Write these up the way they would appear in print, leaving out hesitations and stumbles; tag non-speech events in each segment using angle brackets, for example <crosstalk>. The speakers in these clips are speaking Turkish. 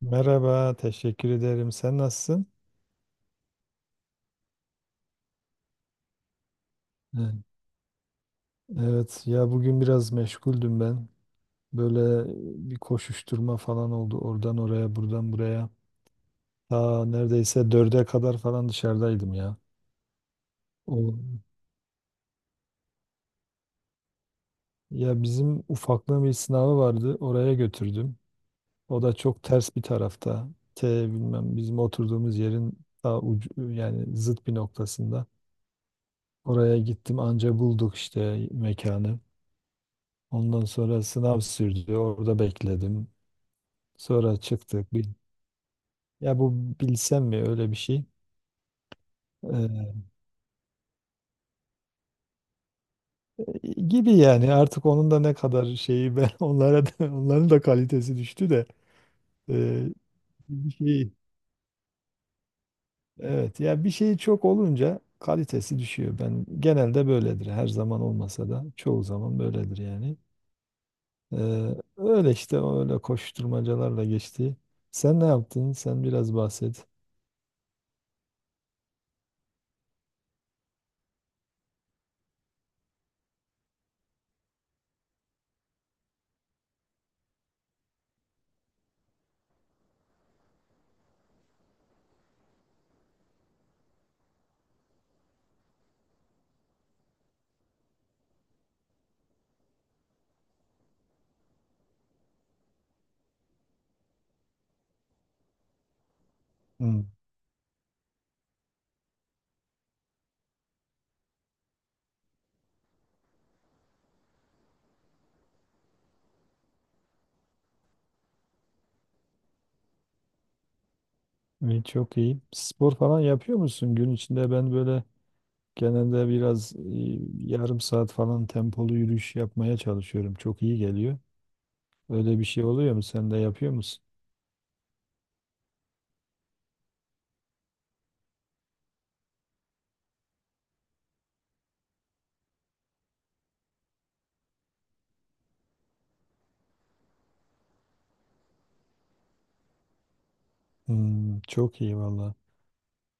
Merhaba, teşekkür ederim. Sen nasılsın? Evet, Evet, ya bugün biraz meşguldüm ben. Böyle bir koşuşturma falan oldu. Oradan oraya, buradan buraya. Ta neredeyse dörde kadar falan dışarıdaydım ya. O, Ya bizim ufaklığın bir sınavı vardı. Oraya götürdüm. O da çok ters bir tarafta. Bilmem bizim oturduğumuz yerin ta ucu, yani zıt bir noktasında. Oraya gittim anca bulduk işte mekanı. Ondan sonra sınav sürdü. Orada bekledim. Sonra çıktık. Ya bu bilsem mi öyle bir şey? Ee, Gibi yani artık onun da ne kadar şeyi ben <laughs> onlara da, onların da kalitesi düştü de ee, bir şey evet ya bir şey çok olunca kalitesi düşüyor. Ben genelde böyledir. Her zaman olmasa da çoğu zaman böyledir yani. Ee, Öyle işte öyle koşturmacalarla geçti. Sen ne yaptın? Sen biraz bahset. İyi, çok iyi. Spor falan yapıyor musun gün içinde? Ben böyle genelde biraz yarım saat falan tempolu yürüyüş yapmaya çalışıyorum. Çok iyi geliyor. Öyle bir şey oluyor mu? Sen de yapıyor musun? Hmm, çok iyi valla.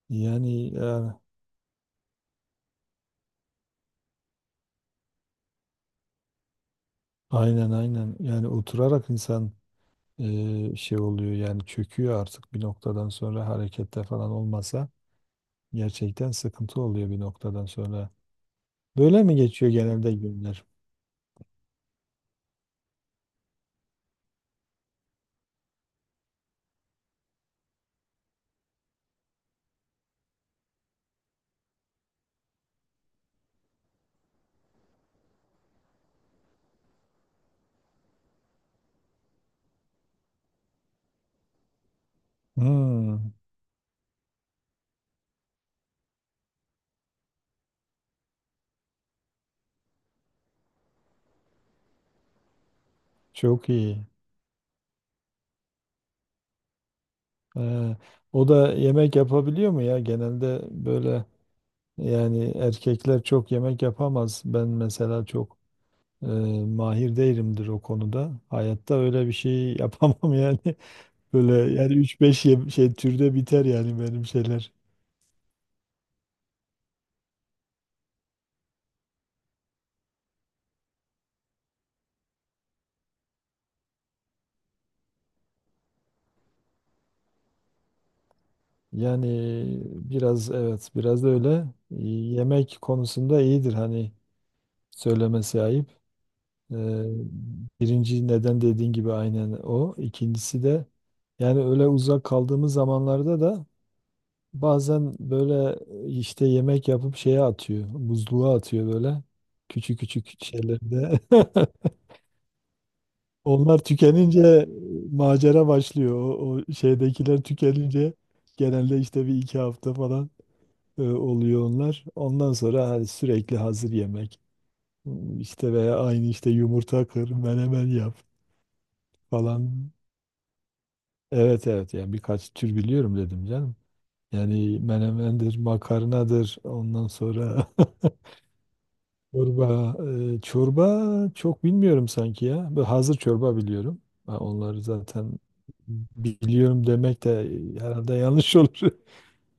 Yani ya, aynen aynen. Yani oturarak insan şey oluyor yani çöküyor artık bir noktadan sonra harekette falan olmasa gerçekten sıkıntı oluyor bir noktadan sonra. Böyle mi geçiyor genelde günler? Hmm, çok iyi. Ee, O da yemek yapabiliyor mu ya? Genelde böyle yani erkekler çok yemek yapamaz. Ben mesela çok e, mahir değilimdir o konuda. Hayatta öyle bir şey yapamam <laughs> yani. Böyle yani üç beş şey türde biter yani benim şeyler. Yani biraz evet biraz da öyle. Yemek konusunda iyidir hani söylemesi ayıp. Ee, Birinci neden dediğin gibi aynen o. İkincisi de yani öyle uzak kaldığımız zamanlarda da bazen böyle işte yemek yapıp şeye atıyor. Buzluğa atıyor böyle. Küçük küçük şeylerde. <laughs> Onlar tükenince macera başlıyor. O şeydekiler tükenince genelde işte bir iki hafta falan oluyor onlar. Ondan sonra hani sürekli hazır yemek. Hmm, işte veya aynı işte yumurta kır, menemen yap falan. Evet evet yani birkaç tür biliyorum dedim canım. Yani menemendir, makarnadır ondan sonra <laughs> Çorba, çorba çok bilmiyorum sanki ya. Böyle hazır çorba biliyorum. Ha, onları zaten biliyorum demek de herhalde yanlış olur. <laughs>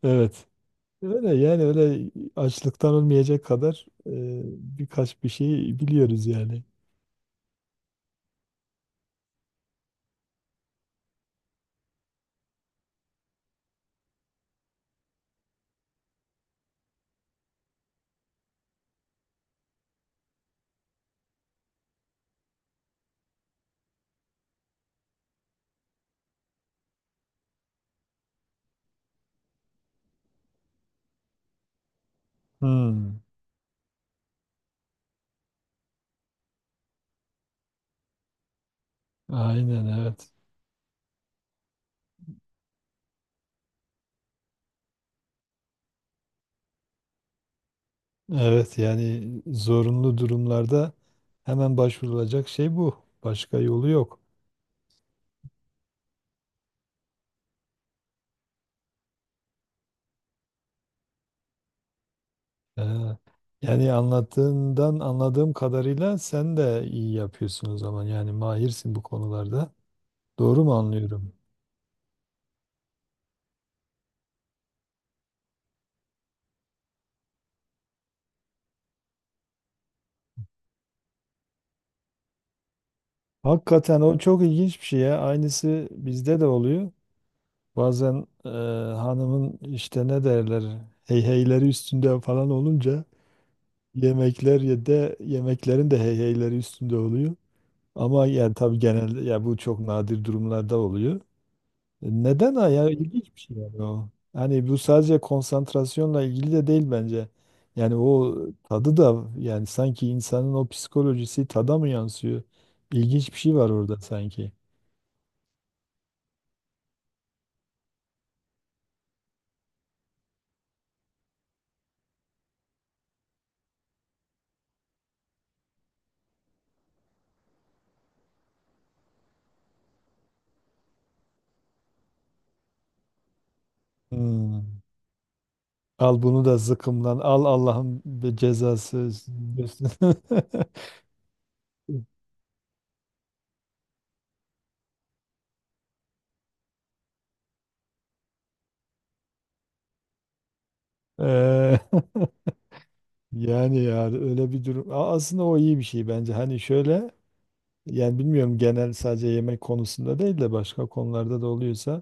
Evet. Öyle yani öyle açlıktan ölmeyecek kadar birkaç bir şey biliyoruz yani. Hmm. Aynen evet. Evet yani zorunlu durumlarda hemen başvurulacak şey bu. Başka yolu yok. Ha, yani anlattığından anladığım kadarıyla sen de iyi yapıyorsun o zaman. Yani mahirsin bu konularda. Doğru mu anlıyorum? Hakikaten o çok ilginç bir şey ya. Aynısı bizde de oluyor. Bazen hanımın işte ne derler heyheyleri üstünde falan olunca yemekler ya da yemeklerin de heyheyleri üstünde oluyor. Ama yani tabii genelde ya bu çok nadir durumlarda oluyor. Neden ha? Yani ilginç bir şey yani o. Hani bu sadece konsantrasyonla ilgili de değil bence. Yani o tadı da yani sanki insanın o psikolojisi tada mı yansıyor? İlginç bir şey var orada sanki. Hmm. Al bunu da zıkkımlan. Al Allah'ın cezası. Diyorsun. <laughs> Eee, <laughs> yani ya öyle bir durum. Aslında o iyi bir şey bence. Hani şöyle, yani bilmiyorum genel sadece yemek konusunda değil de başka konularda da oluyorsa.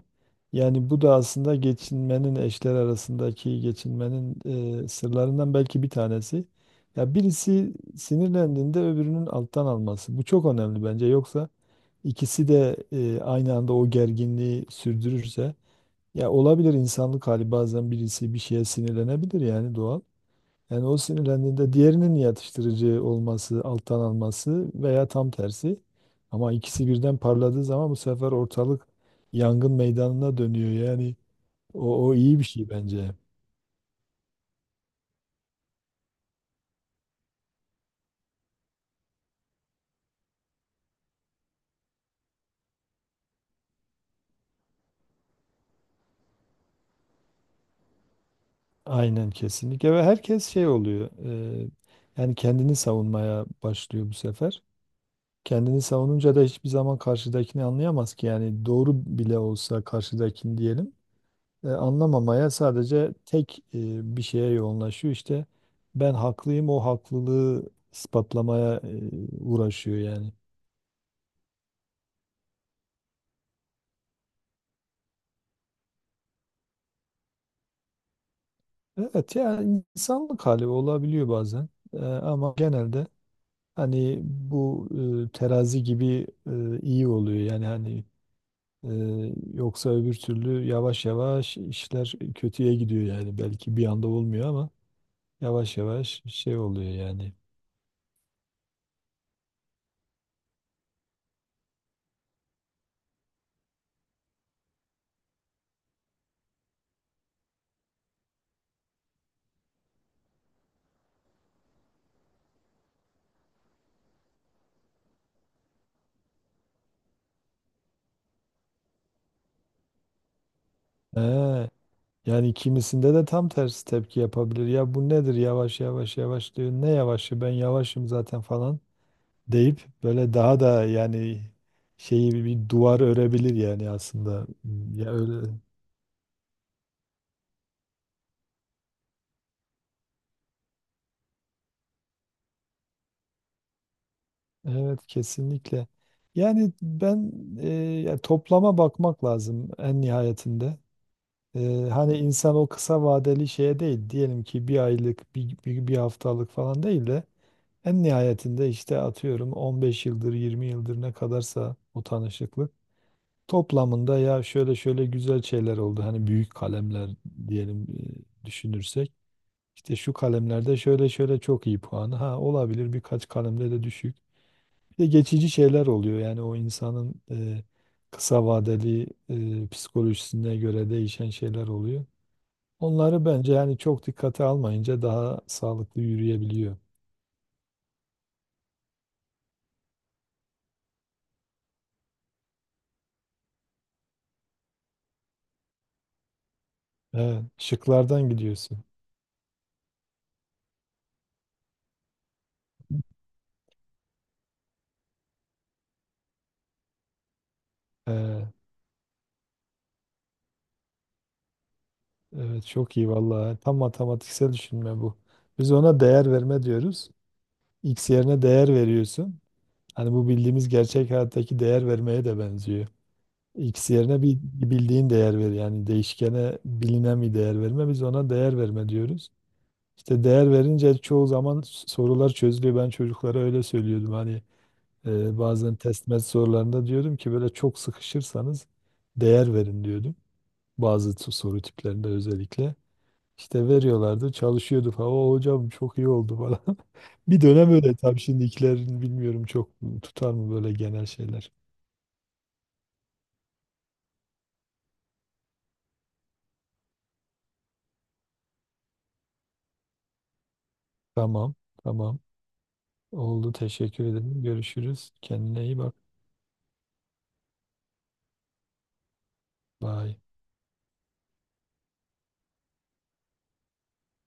Yani bu da aslında geçinmenin eşler arasındaki geçinmenin sırlarından belki bir tanesi. Ya birisi sinirlendiğinde öbürünün alttan alması. Bu çok önemli bence. Yoksa ikisi de aynı anda o gerginliği sürdürürse ya olabilir insanlık hali bazen birisi bir şeye sinirlenebilir yani doğal. Yani o sinirlendiğinde diğerinin yatıştırıcı olması, alttan alması veya tam tersi. Ama ikisi birden parladığı zaman bu sefer ortalık yangın meydanına dönüyor. Yani o iyi bir şey bence. Aynen kesinlikle ve herkes şey oluyor. e, Yani kendini savunmaya başlıyor bu sefer. Kendini savununca da hiçbir zaman karşıdakini anlayamaz ki. Yani doğru bile olsa karşıdakini diyelim. Anlamamaya sadece tek bir şeye yoğunlaşıyor. İşte ben haklıyım o haklılığı ispatlamaya uğraşıyor yani. Evet yani insanlık hali olabiliyor bazen. Ama genelde hani bu terazi gibi iyi oluyor yani hani, e, yoksa öbür türlü yavaş yavaş işler kötüye gidiyor yani belki bir anda olmuyor ama yavaş yavaş şey oluyor yani. He, yani kimisinde de tam tersi tepki yapabilir. Ya bu nedir yavaş yavaş yavaş diyor. Ne yavaşı ben yavaşım zaten falan deyip böyle daha da yani şeyi bir duvar örebilir yani aslında. Ya öyle, evet kesinlikle. Yani ben e, ya toplama bakmak lazım en nihayetinde. Hani insan o kısa vadeli şeye değil diyelim ki bir aylık bir haftalık falan değil de en nihayetinde işte atıyorum 15 yıldır 20 yıldır ne kadarsa o tanışıklık toplamında ya şöyle şöyle güzel şeyler oldu. Hani büyük kalemler diyelim, düşünürsek işte şu kalemlerde şöyle şöyle çok iyi puanı ha olabilir birkaç kalemde de düşük. Bir de geçici şeyler oluyor yani o insanın kısa vadeli psikolojisine göre değişen şeyler oluyor. Onları bence yani çok dikkate almayınca daha sağlıklı yürüyebiliyor. Evet, şıklardan gidiyorsun. Evet. Evet çok iyi vallahi. Tam matematiksel düşünme bu. Biz ona değer verme diyoruz. X yerine değer veriyorsun. Hani bu bildiğimiz gerçek hayattaki değer vermeye de benziyor. X yerine bir bildiğin değer ver. Yani değişkene bilinen bir değer verme. Biz ona değer verme diyoruz. İşte değer verince çoğu zaman sorular çözülüyor. Ben çocuklara öyle söylüyordum. Hani bazen test met sorularında diyordum ki böyle çok sıkışırsanız değer verin diyordum. Bazı soru tiplerinde özellikle. İşte veriyorlardı, çalışıyordu falan. O hocam çok iyi oldu falan. <laughs> Bir dönem öyle tabii şimdikilerin bilmiyorum çok tutar mı böyle genel şeyler. Tamam, tamam. Oldu. Teşekkür ederim. Görüşürüz. Kendine iyi bak. Bye.